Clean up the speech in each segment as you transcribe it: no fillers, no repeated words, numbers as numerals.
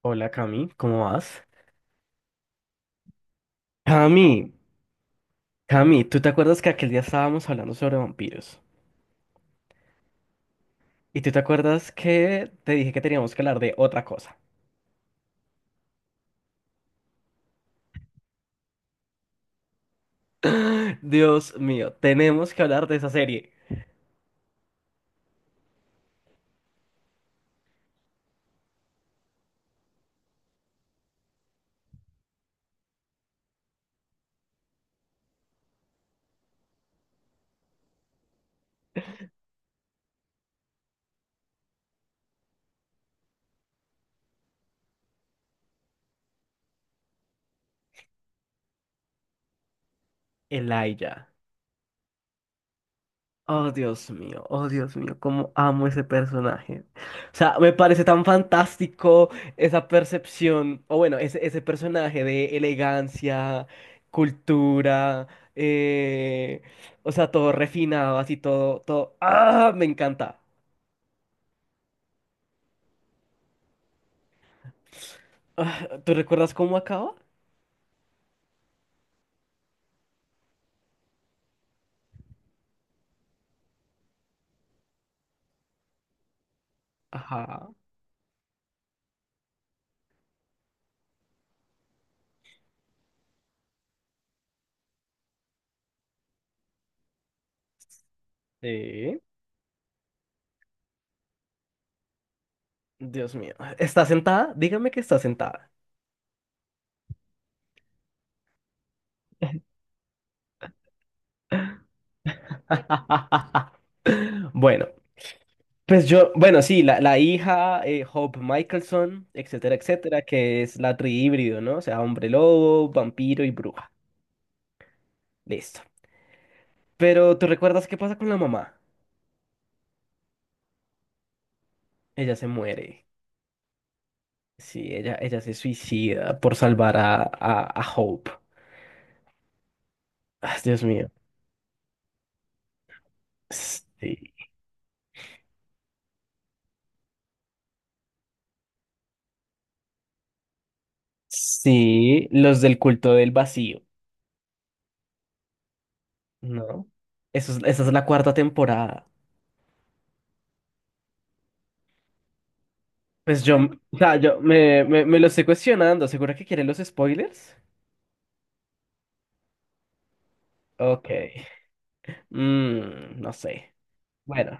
Hola Cami, ¿cómo vas? Cami, ¿tú te acuerdas que aquel día estábamos hablando sobre vampiros? ¿Y tú te acuerdas que te dije que teníamos que hablar de otra cosa? Dios mío, tenemos que hablar de esa serie, Elijah. Oh, Dios mío, cómo amo ese personaje. O sea, me parece tan fantástico esa percepción, o bueno, ese personaje de elegancia, cultura, eh, o sea, todo refinado, así todo, todo. ¡Ah! Me encanta. Ah, ¿tú recuerdas cómo acaba? Ajá. Sí. Dios mío. ¿Está sentada? Dígame que está sentada. Bueno. Pues yo, bueno, sí, la hija, Hope Michelson, etcétera, etcétera, que es la trihíbrido, ¿no? O sea, hombre lobo, vampiro y bruja. Listo. Pero ¿tú recuerdas qué pasa con la mamá? Ella se muere. Sí, ella se suicida por salvar a Hope. Ah, Dios mío. Sí. Sí, los del culto del vacío, ¿no? Esa es la cuarta temporada. Pues yo, o sea, yo me lo estoy cuestionando. ¿Segura que quieren los spoilers? Ok. Mm, no sé. Bueno,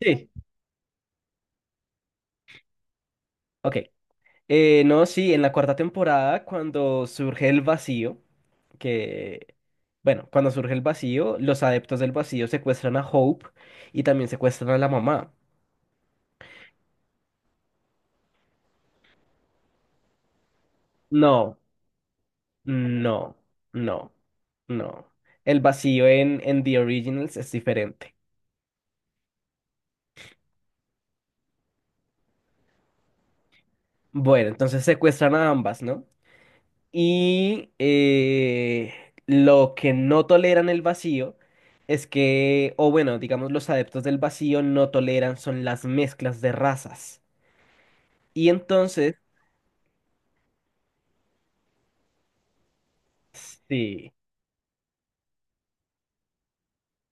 sí, ok. No, sí, en la cuarta temporada, cuando surge el vacío, que, bueno, cuando surge el vacío, los adeptos del vacío secuestran a Hope y también secuestran a la mamá. No, no, no, no. El vacío en The Originals es diferente. Bueno, entonces secuestran a ambas, ¿no? Y lo que no toleran el vacío es que, o bueno, digamos, los adeptos del vacío no toleran son las mezclas de razas. Y entonces, sí,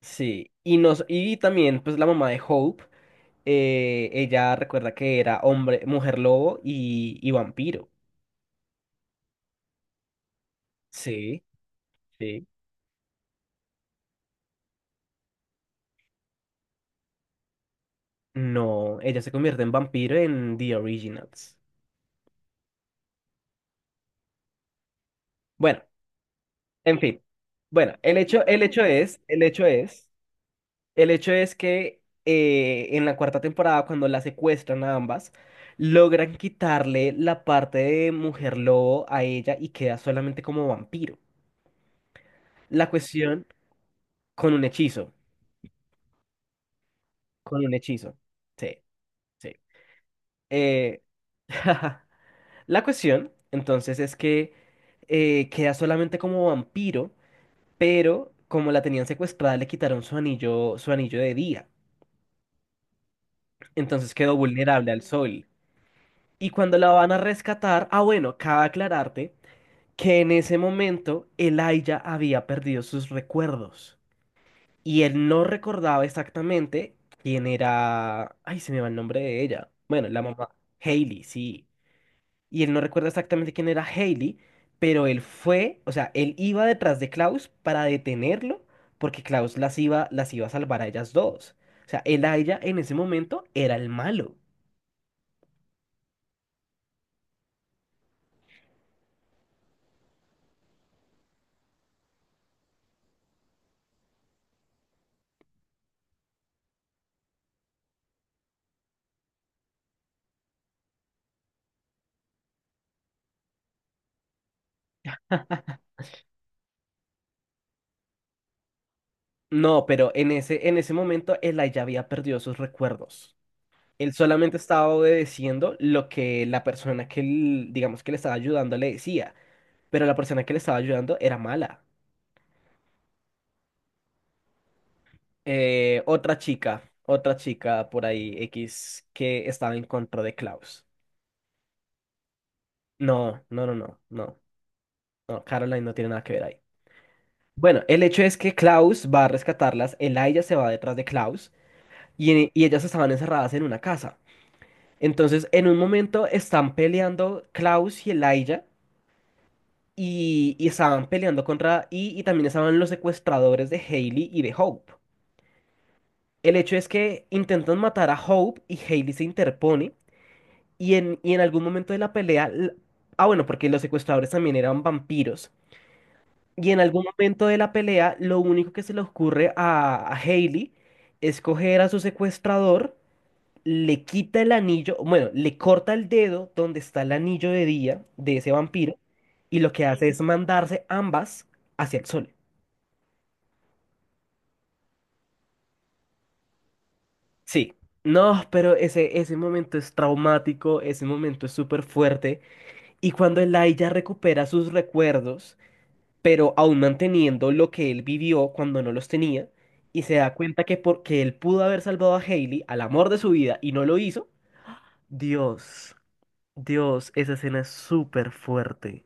sí. Y, nos, y también, pues la mamá de Hope, ella recuerda que era hombre, mujer lobo y vampiro. Sí, sí. No, ella se convierte en vampiro en The Originals. Bueno, en fin. Bueno, el hecho es. El hecho es que en la cuarta temporada, cuando la secuestran a ambas, logran quitarle la parte de mujer lobo a ella y queda solamente como vampiro. La cuestión con un hechizo, con un hechizo. Sí, sí. Eh, la cuestión, entonces, es que queda solamente como vampiro, pero como la tenían secuestrada, le quitaron su anillo de día. Entonces quedó vulnerable al sol. Y cuando la van a rescatar, ah, bueno, cabe aclararte que en ese momento Elijah había perdido sus recuerdos y él no recordaba exactamente quién era. Ay, se me va el nombre de ella. Bueno, la mamá. Hailey, sí. Y él no recuerda exactamente quién era Hailey, pero él fue, o sea, él iba detrás de Klaus para detenerlo porque Klaus las iba a salvar a ellas dos. O sea, Elijah en ese momento era el malo. No, pero en en ese momento Eli había perdido sus recuerdos. Él solamente estaba obedeciendo lo que la persona que, l- digamos, que le estaba ayudando le decía, pero la persona que le estaba ayudando era mala. Otra chica por ahí, X, que estaba en contra de Klaus. No, no, no, no, no, no, Caroline no tiene nada que ver ahí. Bueno, el hecho es que Klaus va a rescatarlas, Eli se va detrás de Klaus y ellas estaban encerradas en una casa. Entonces, en un momento están peleando Klaus y Elijah y estaban peleando contra y también estaban los secuestradores de Hailey y de Hope. El hecho es que intentan matar a Hope y Hailey se interpone y y en algún momento de la pelea, l- ah bueno, porque los secuestradores también eran vampiros. Y en algún momento de la pelea, lo único que se le ocurre a Hailey es coger a su secuestrador, le quita el anillo, bueno, le corta el dedo donde está el anillo de día de ese vampiro y lo que hace es mandarse ambas hacia el sol. Sí. No, pero ese momento es traumático, ese momento es súper fuerte y cuando Eli ya recupera sus recuerdos, pero aún manteniendo lo que él vivió cuando no los tenía y se da cuenta que porque él pudo haber salvado a Hailey, al amor de su vida, y no lo hizo, Dios, Dios, esa escena es súper fuerte.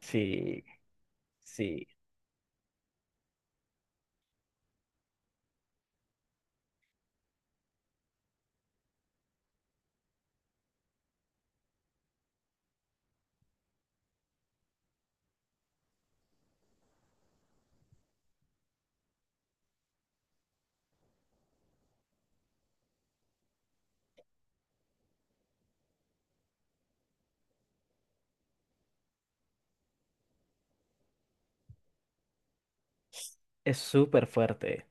Sí, sí, es súper fuerte.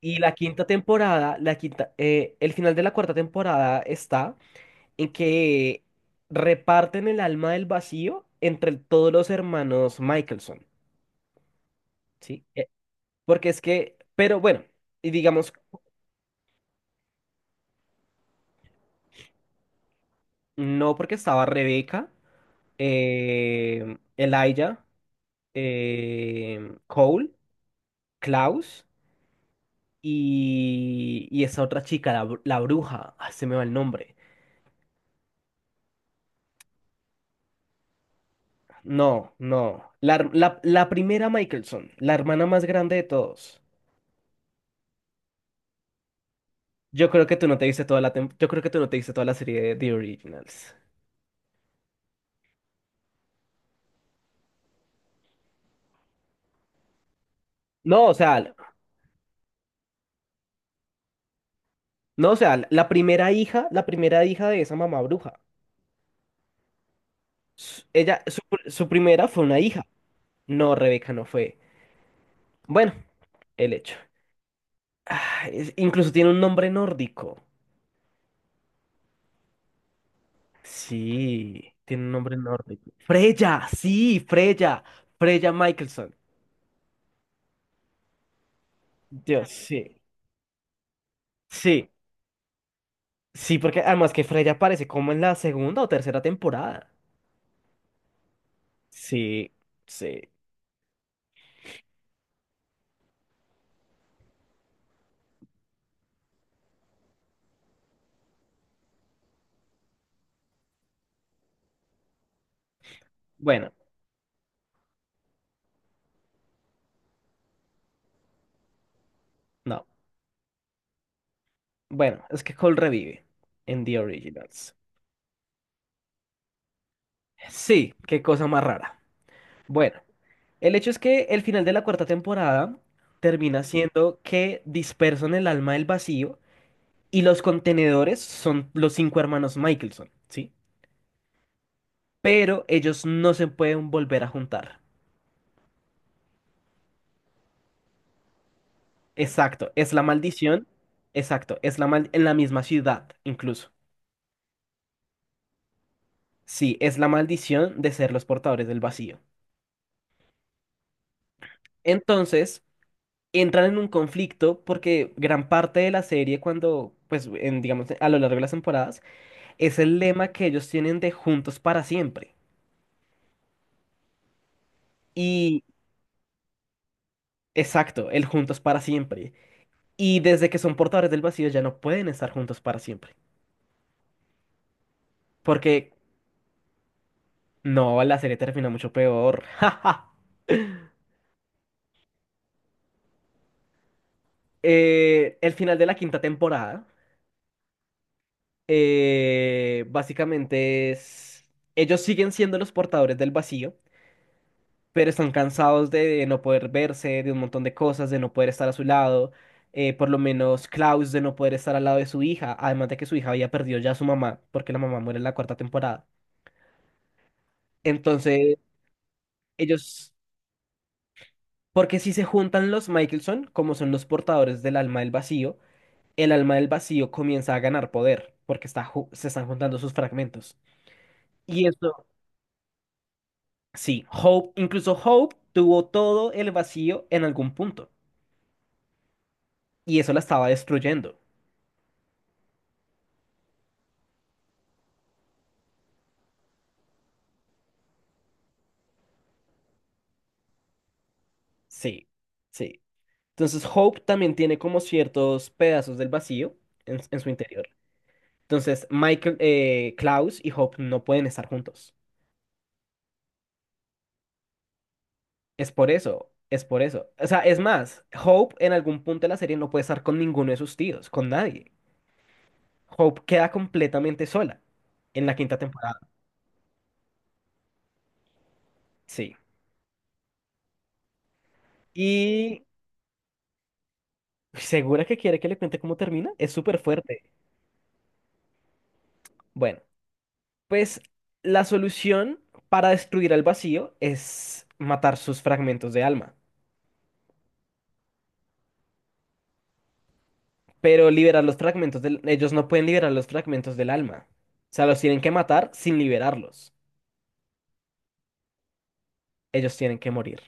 Y la quinta temporada, la quinta, el final de la cuarta temporada está en que reparten el alma del vacío entre todos los hermanos Michelson, ¿sí? Porque es que, pero bueno, y digamos, no porque estaba Rebeca, Elijah, Cole, Klaus y esa otra chica, la, br- la bruja, ah, se me va el nombre. No, no. La, her- la primera Michelson, la hermana más grande de todos. Yo creo que tú no te viste toda la tem- yo creo que tú no te viste toda la serie de The Originals. No, o sea, l- no, o sea, l- la primera hija de esa mamá bruja. S- Ella, su, pr- su primera fue una hija. No, Rebeca no fue. Bueno, el hecho. Ah, es- incluso tiene un nombre nórdico. Sí, tiene un nombre nórdico. Freya, sí, Freya. Freya Michelson. Dios, sí. Sí. Sí, porque además que Freya aparece como en la segunda o tercera temporada. Sí, sí. Bueno, no. Bueno, es que Cole revive en The Originals. Sí, qué cosa más rara. Bueno, el hecho es que el final de la cuarta temporada termina siendo que dispersan el alma del vacío y los contenedores son los cinco hermanos Michelson, ¿sí? Pero ellos no se pueden volver a juntar. Exacto, es la maldición. Exacto, es la mal en la misma ciudad, incluso. Sí, es la maldición de ser los portadores del vacío. Entonces, entran en un conflicto porque gran parte de la serie, cuando, pues, en, digamos, a lo largo de las temporadas, es el lema que ellos tienen de juntos para siempre. Y, exacto, el juntos para siempre. Y desde que son portadores del vacío ya no pueden estar juntos para siempre. Porque, no, la serie termina mucho peor. ¡Ja, ja! El final de la quinta temporada. Básicamente es, ellos siguen siendo los portadores del vacío, pero están cansados de no poder verse, de un montón de cosas, de no poder estar a su lado, por lo menos Klaus de no poder estar al lado de su hija, además de que su hija había perdido ya a su mamá, porque la mamá muere en la cuarta temporada. Entonces, ellos, porque si se juntan los Michelson, como son los portadores del alma del vacío, el alma del vacío comienza a ganar poder, porque está, ju- se están juntando sus fragmentos. Y eso sí, Hope, incluso Hope tuvo todo el vacío en algún punto y eso la estaba destruyendo. Sí, sí. Entonces Hope también tiene como ciertos pedazos del vacío en su interior. Entonces Michael, Klaus y Hope no pueden estar juntos. Es por eso, es por eso. O sea, es más, Hope en algún punto de la serie no puede estar con ninguno de sus tíos, con nadie. Hope queda completamente sola en la quinta temporada. Sí. Y segura que quiere que le cuente cómo termina. Es súper fuerte. Bueno, pues la solución para destruir al vacío es matar sus fragmentos de alma. Pero liberar los fragmentos del... Ellos no pueden liberar los fragmentos del alma. O sea, los tienen que matar sin liberarlos. Ellos tienen que morir.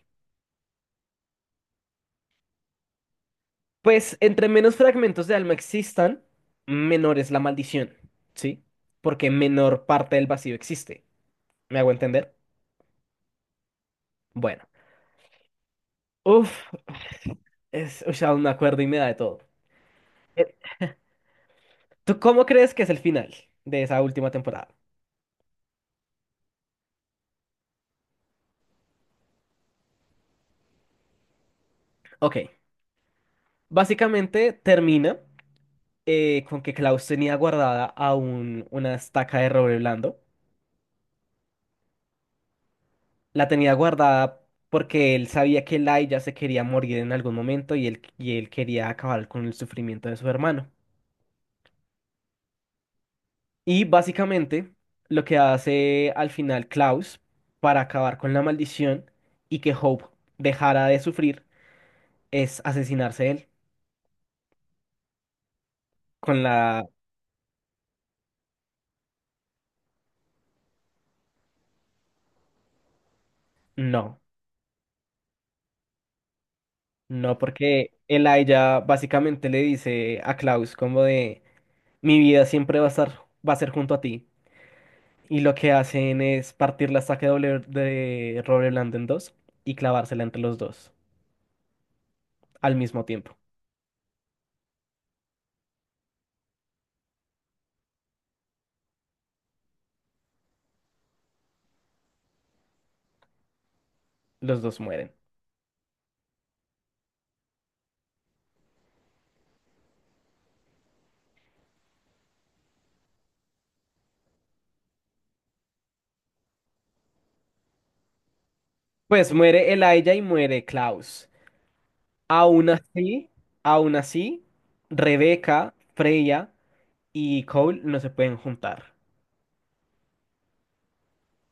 Pues entre menos fragmentos de alma existan, menor es la maldición, ¿sí? Porque menor parte del vacío existe. ¿Me hago entender? Bueno. Uf, es... O sea, aún me acuerdo y me da de todo. Eh, ¿Tú cómo crees que es el final de esa última temporada? Ok. Básicamente termina con que Klaus tenía guardada aún una estaca de roble blando. La tenía guardada porque él sabía que Lai ya se quería morir en algún momento y y él quería acabar con el sufrimiento de su hermano. Y básicamente lo que hace al final Klaus para acabar con la maldición y que Hope dejara de sufrir es asesinarse él con la... No, no, porque Elijah básicamente le dice a Klaus como de... Mi vida siempre va a estar, va a ser junto a ti. Y lo que hacen es partir la estaca de doble- de Robert Land en dos y clavársela entre los dos al mismo tiempo. Los dos mueren. Pues muere Elijah y muere Klaus. Aún así, aún así, Rebeca, Freya y Cole no se pueden juntar.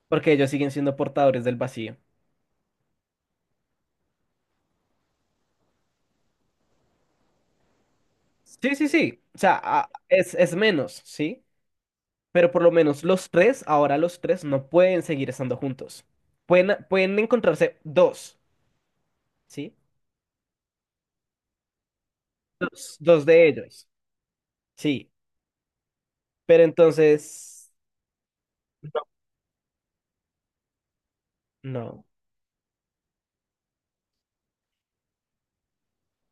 Porque ellos siguen siendo portadores del vacío. Sí, sí, sí. O sea, a- es menos, ¿sí? Pero por lo menos los tres, ahora los tres no pueden seguir estando juntos. Pueden, pueden encontrarse dos, ¿sí? Dos de ellos, sí. Pero entonces, no. No.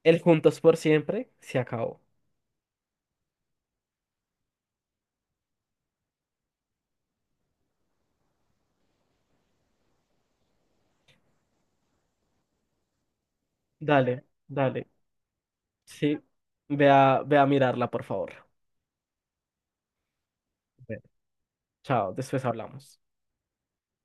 El juntos por siempre se acabó. Dale, dale. Sí. Ve a, ve a mirarla, por favor. Ve. Chao, después hablamos.